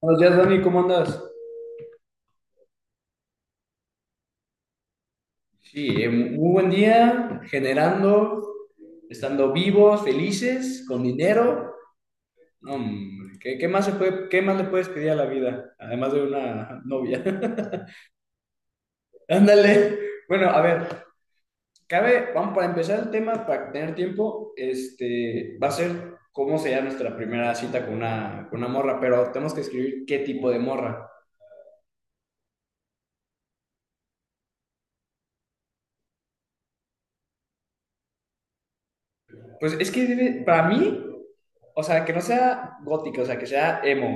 Buenos días, Dani, ¿cómo andas? Sí, muy buen día, generando, estando vivos, felices, con dinero. No, hombre, ¿qué más se puede, qué más le puedes pedir a la vida? Además de una novia. Ándale. Bueno, a ver, cabe, vamos para empezar el tema, para tener tiempo, va a ser cómo sería nuestra primera cita con una morra, pero tenemos que escribir qué tipo de morra. Pues es que debe, para mí, o sea, que no sea gótica, o sea, que sea emo,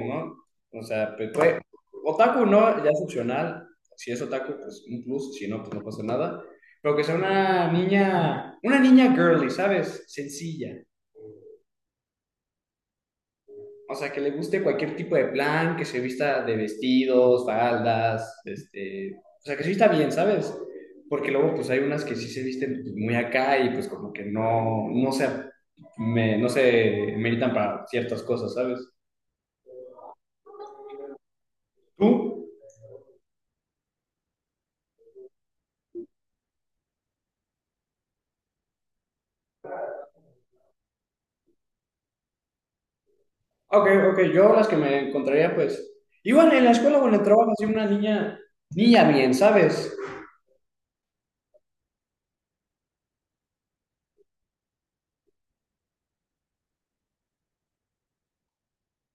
¿no? O sea, pues, puede- otaku no, ya es opcional. Si es otaku, pues un plus, si no, pues no pasa nada. Pero que sea una niña girly, ¿sabes? Sencilla. O sea, que le guste cualquier tipo de plan, que se vista de vestidos, faldas, o sea, que se vista bien, ¿sabes? Porque luego pues hay unas que sí se visten pues, muy acá y pues como que no se meritan para ciertas cosas, ¿sabes? ¿Tú? Ok, ok, yo las que me encontraría pues, igual en la escuela o en el trabajo, así una niña, niña bien, ¿sabes?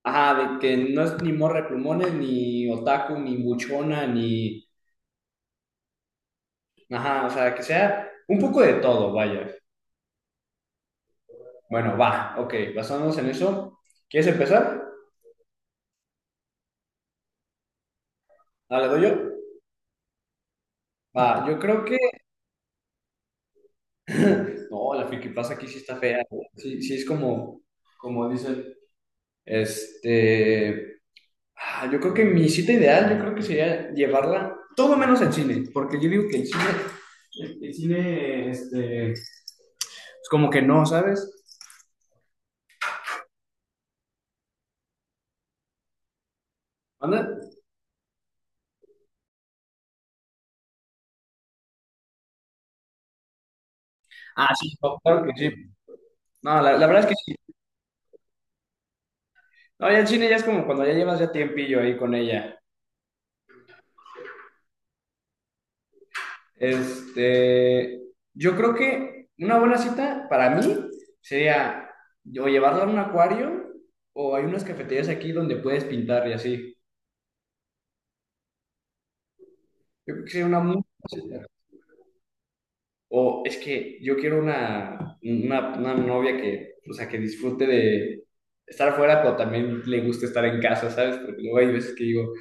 Ajá, de que no es ni morra de plumones, ni otaku, ni buchona, ni... Ajá, o sea, que sea un poco de todo, vaya. Bueno, va, ok, basándonos en eso, ¿quieres empezar? Ah, ¿le doy yo? Va, yo creo que... No, la pasa aquí sí está fea. Sí, sí es como, como dicen. Este... ah, yo creo que mi cita ideal, yo creo que sería llevarla todo menos al cine, porque yo digo que el cine es como que no, ¿sabes? ¿Anda? Ah, sí, claro que sí. No, la verdad es que sí. No, ya el cine ya es como cuando ya llevas ya tiempillo ahí con ella. Este, yo creo que una buena cita para mí sería o llevarla a un acuario o hay unas cafeterías aquí donde puedes pintar y así. Yo creo que sería una muy buena cita. O es que yo quiero una novia que, o sea, que disfrute de estar afuera, pero también le guste estar en casa, ¿sabes? Porque luego hay veces que digo,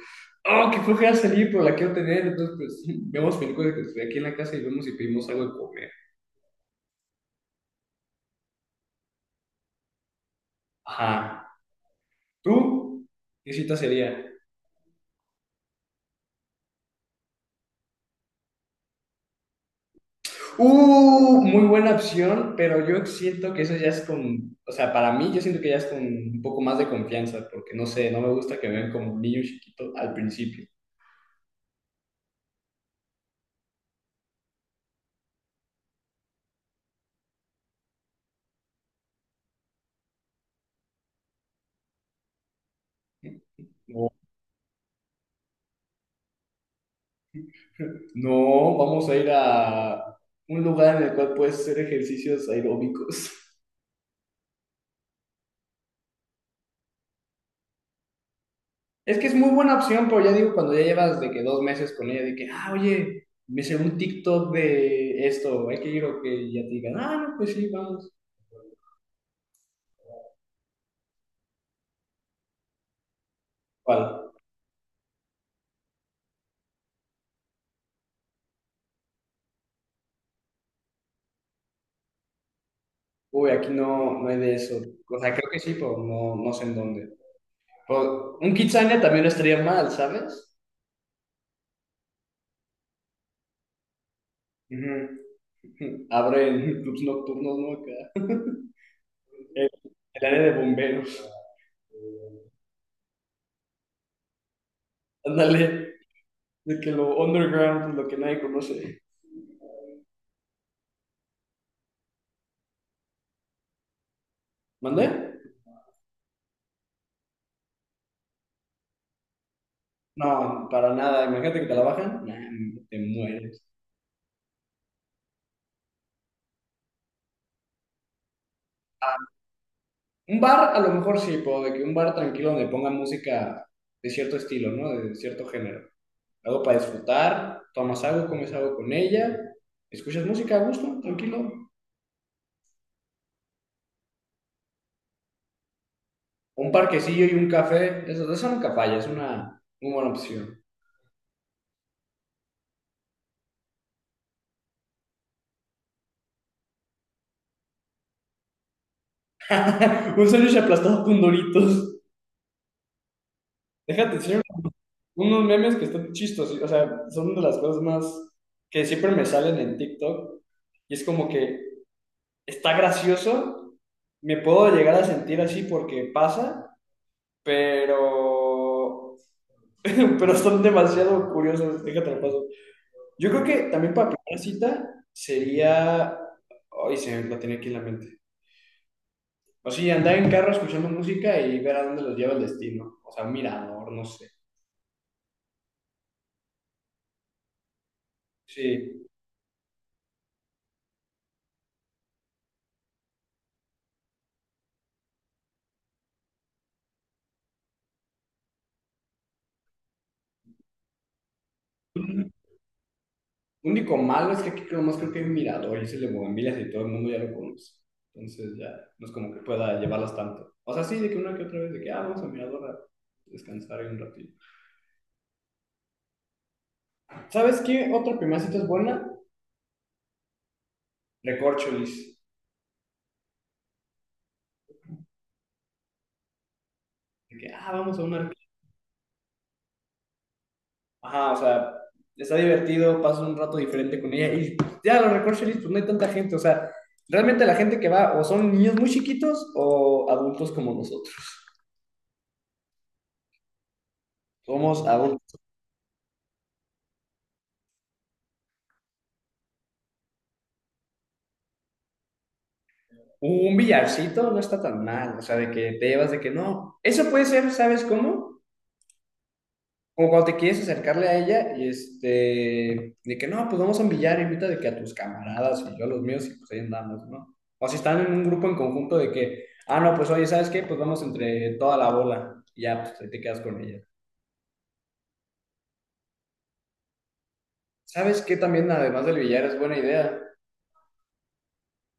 oh, qué flojera salir, pero la quiero tener. Entonces, pues, vemos películas que estoy aquí en la casa y vemos y pedimos algo de comer. Ajá. ¿Tú? ¿Qué cita sería? Muy buena opción, pero yo siento que eso ya es con, o sea, para mí yo siento que ya es con un poco más de confianza, porque no sé, no me gusta que me vean como un niño chiquito al principio. ¿No? No, vamos a ir a un lugar en el cual puedes hacer ejercicios aeróbicos. Es que es muy buena opción, pero ya digo, cuando ya llevas de que 2 meses con ella, de que, ah, oye, me sé un TikTok de esto, hay que ir o que ya te digan, ah, no, pues sí, vamos. ¿Cuál? Uy, aquí no, no hay de eso. O sea, creo que sí, pero no, no sé en dónde. Pero un Kitsania también no estaría mal, ¿sabes? Ujú. Abren clubs nocturnos, ¿no? Acá. El área de bomberos. Ándale. De que lo underground, lo que nadie conoce. ¿Mandé? No, para nada. Imagínate que te la bajan. Nah, te mueres. Un bar, a lo mejor sí, puedo, de que un bar tranquilo donde pongan música de cierto estilo, ¿no? De cierto género. Algo para disfrutar, tomas algo, comes algo con ella, escuchas música a gusto, tranquilo. Un parquecillo y un café, eso nunca falla, es una muy buena opción. Un sándwich aplastado con doritos. Déjate, enseño unos memes que están chistosos, o sea, son de las cosas más que siempre me salen en TikTok y es como que está gracioso, me puedo llegar a sentir así porque pasa, pero pero son demasiado curiosos, déjate lo paso. Yo creo que también para primera cita sería ay, se me la tiene aquí en la mente. O sí, andar en carro escuchando música y ver a dónde los lleva el destino. O sea, mirador, no sé. Sí. Único malo es que aquí nomás creo que hay un mirador y ese es el de Bugambilias y todo el mundo ya lo conoce. Entonces ya no es como que pueda llevarlas tanto. O sea, sí, de que una que otra vez, de que ah, vamos al mirador a descansar ahí un ratito. ¿Sabes qué? Otra primera cita es buena. Recorcholis. De que ah, vamos a una. Ajá, o sea, está divertido, pasas un rato diferente con ella y ya los recorcholis, pues no hay tanta gente. O sea, realmente la gente que va o son niños muy chiquitos o adultos como nosotros. Somos adultos. Un billarcito no está tan mal, o sea, de que te llevas de que no. Eso puede ser, ¿sabes cómo? Como cuando te quieres acercarle a ella y de que no, pues vamos a un billar, invita de que a tus camaradas y yo a los míos y pues ahí andamos, ¿no? O si están en un grupo en conjunto de que, ah, no, pues oye, ¿sabes qué? Pues vamos entre toda la bola y ya, pues ahí te quedas con ella. ¿Sabes qué también, además del billar, es buena idea?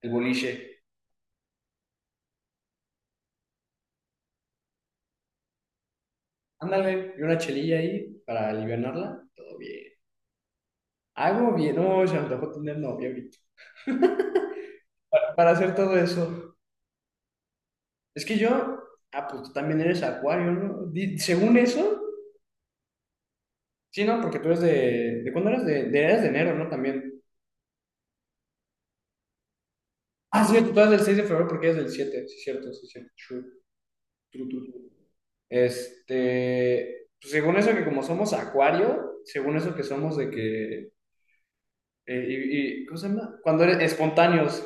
El boliche. Ándale, y una chelilla ahí para alivianarla, todo bien. Hago bien, no, se me antojó tener novia ahorita para hacer todo eso. Es que yo, ah, pues tú también eres acuario, ¿no? Di- según eso, sí, ¿no? Porque tú eres ¿de cuándo eres? Eres de enero, ¿no? También. Ah, sí, tú eres del 6 de febrero porque eres del 7 sí, cierto, sí, cierto. True. Este, pues, según eso que como somos acuario, según eso que somos de que, ¿cómo se llama? Cuando eres espontáneos,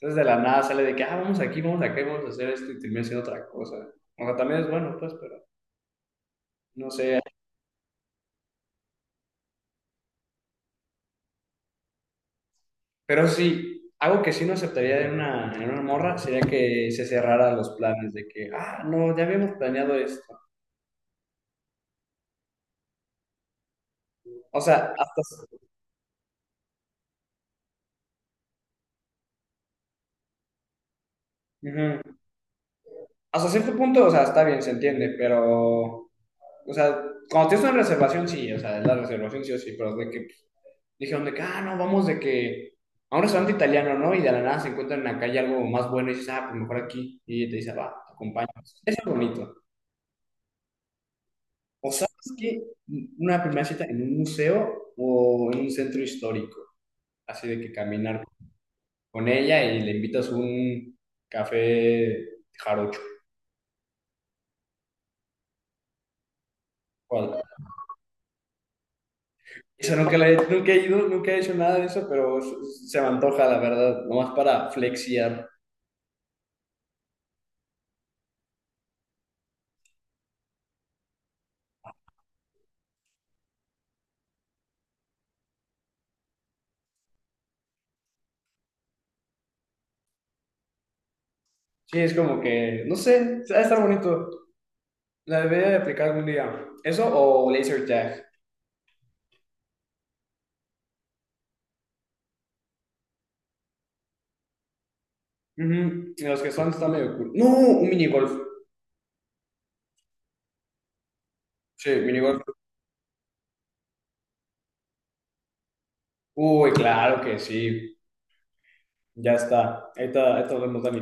entonces de la nada sale de que, ah, vamos aquí, vamos acá, vamos a hacer esto y termina siendo otra cosa. O sea, también es bueno, pues, pero no sé, pero sí, algo que sí no aceptaría en una morra sería que se cerrara los planes de que, ah, no, ya habíamos planeado esto. O sea, hasta, ujú. Hasta cierto punto, o sea, está bien, se entiende, pero, o sea, cuando tienes una reservación, sí, o sea, la reservación sí o sí, pero de que dijeron de que, ah, no, vamos de que a un restaurante italiano, ¿no? Y de la nada se encuentran en la calle algo más bueno y dices, ah, pues mejor aquí. Y te dice, va, acompañamos. Eso es bonito. O sabes que una primera cita en un museo o en un centro histórico, así de que caminar con ella y le invitas un café jarocho. ¿Cuál? Eso nunca, la he, nunca he ido, nunca he hecho nada de eso, pero s- se me antoja, la verdad, nomás para flexiar. Sí, es como que, no sé, va a estar bonito. La debería de aplicar algún día. ¿Eso o laser tag? Ujú, y los que son están medio cool. No, un minigolf. Sí, minigolf. Uy, claro que sí. Ya está. Ahí está hablando, Dani.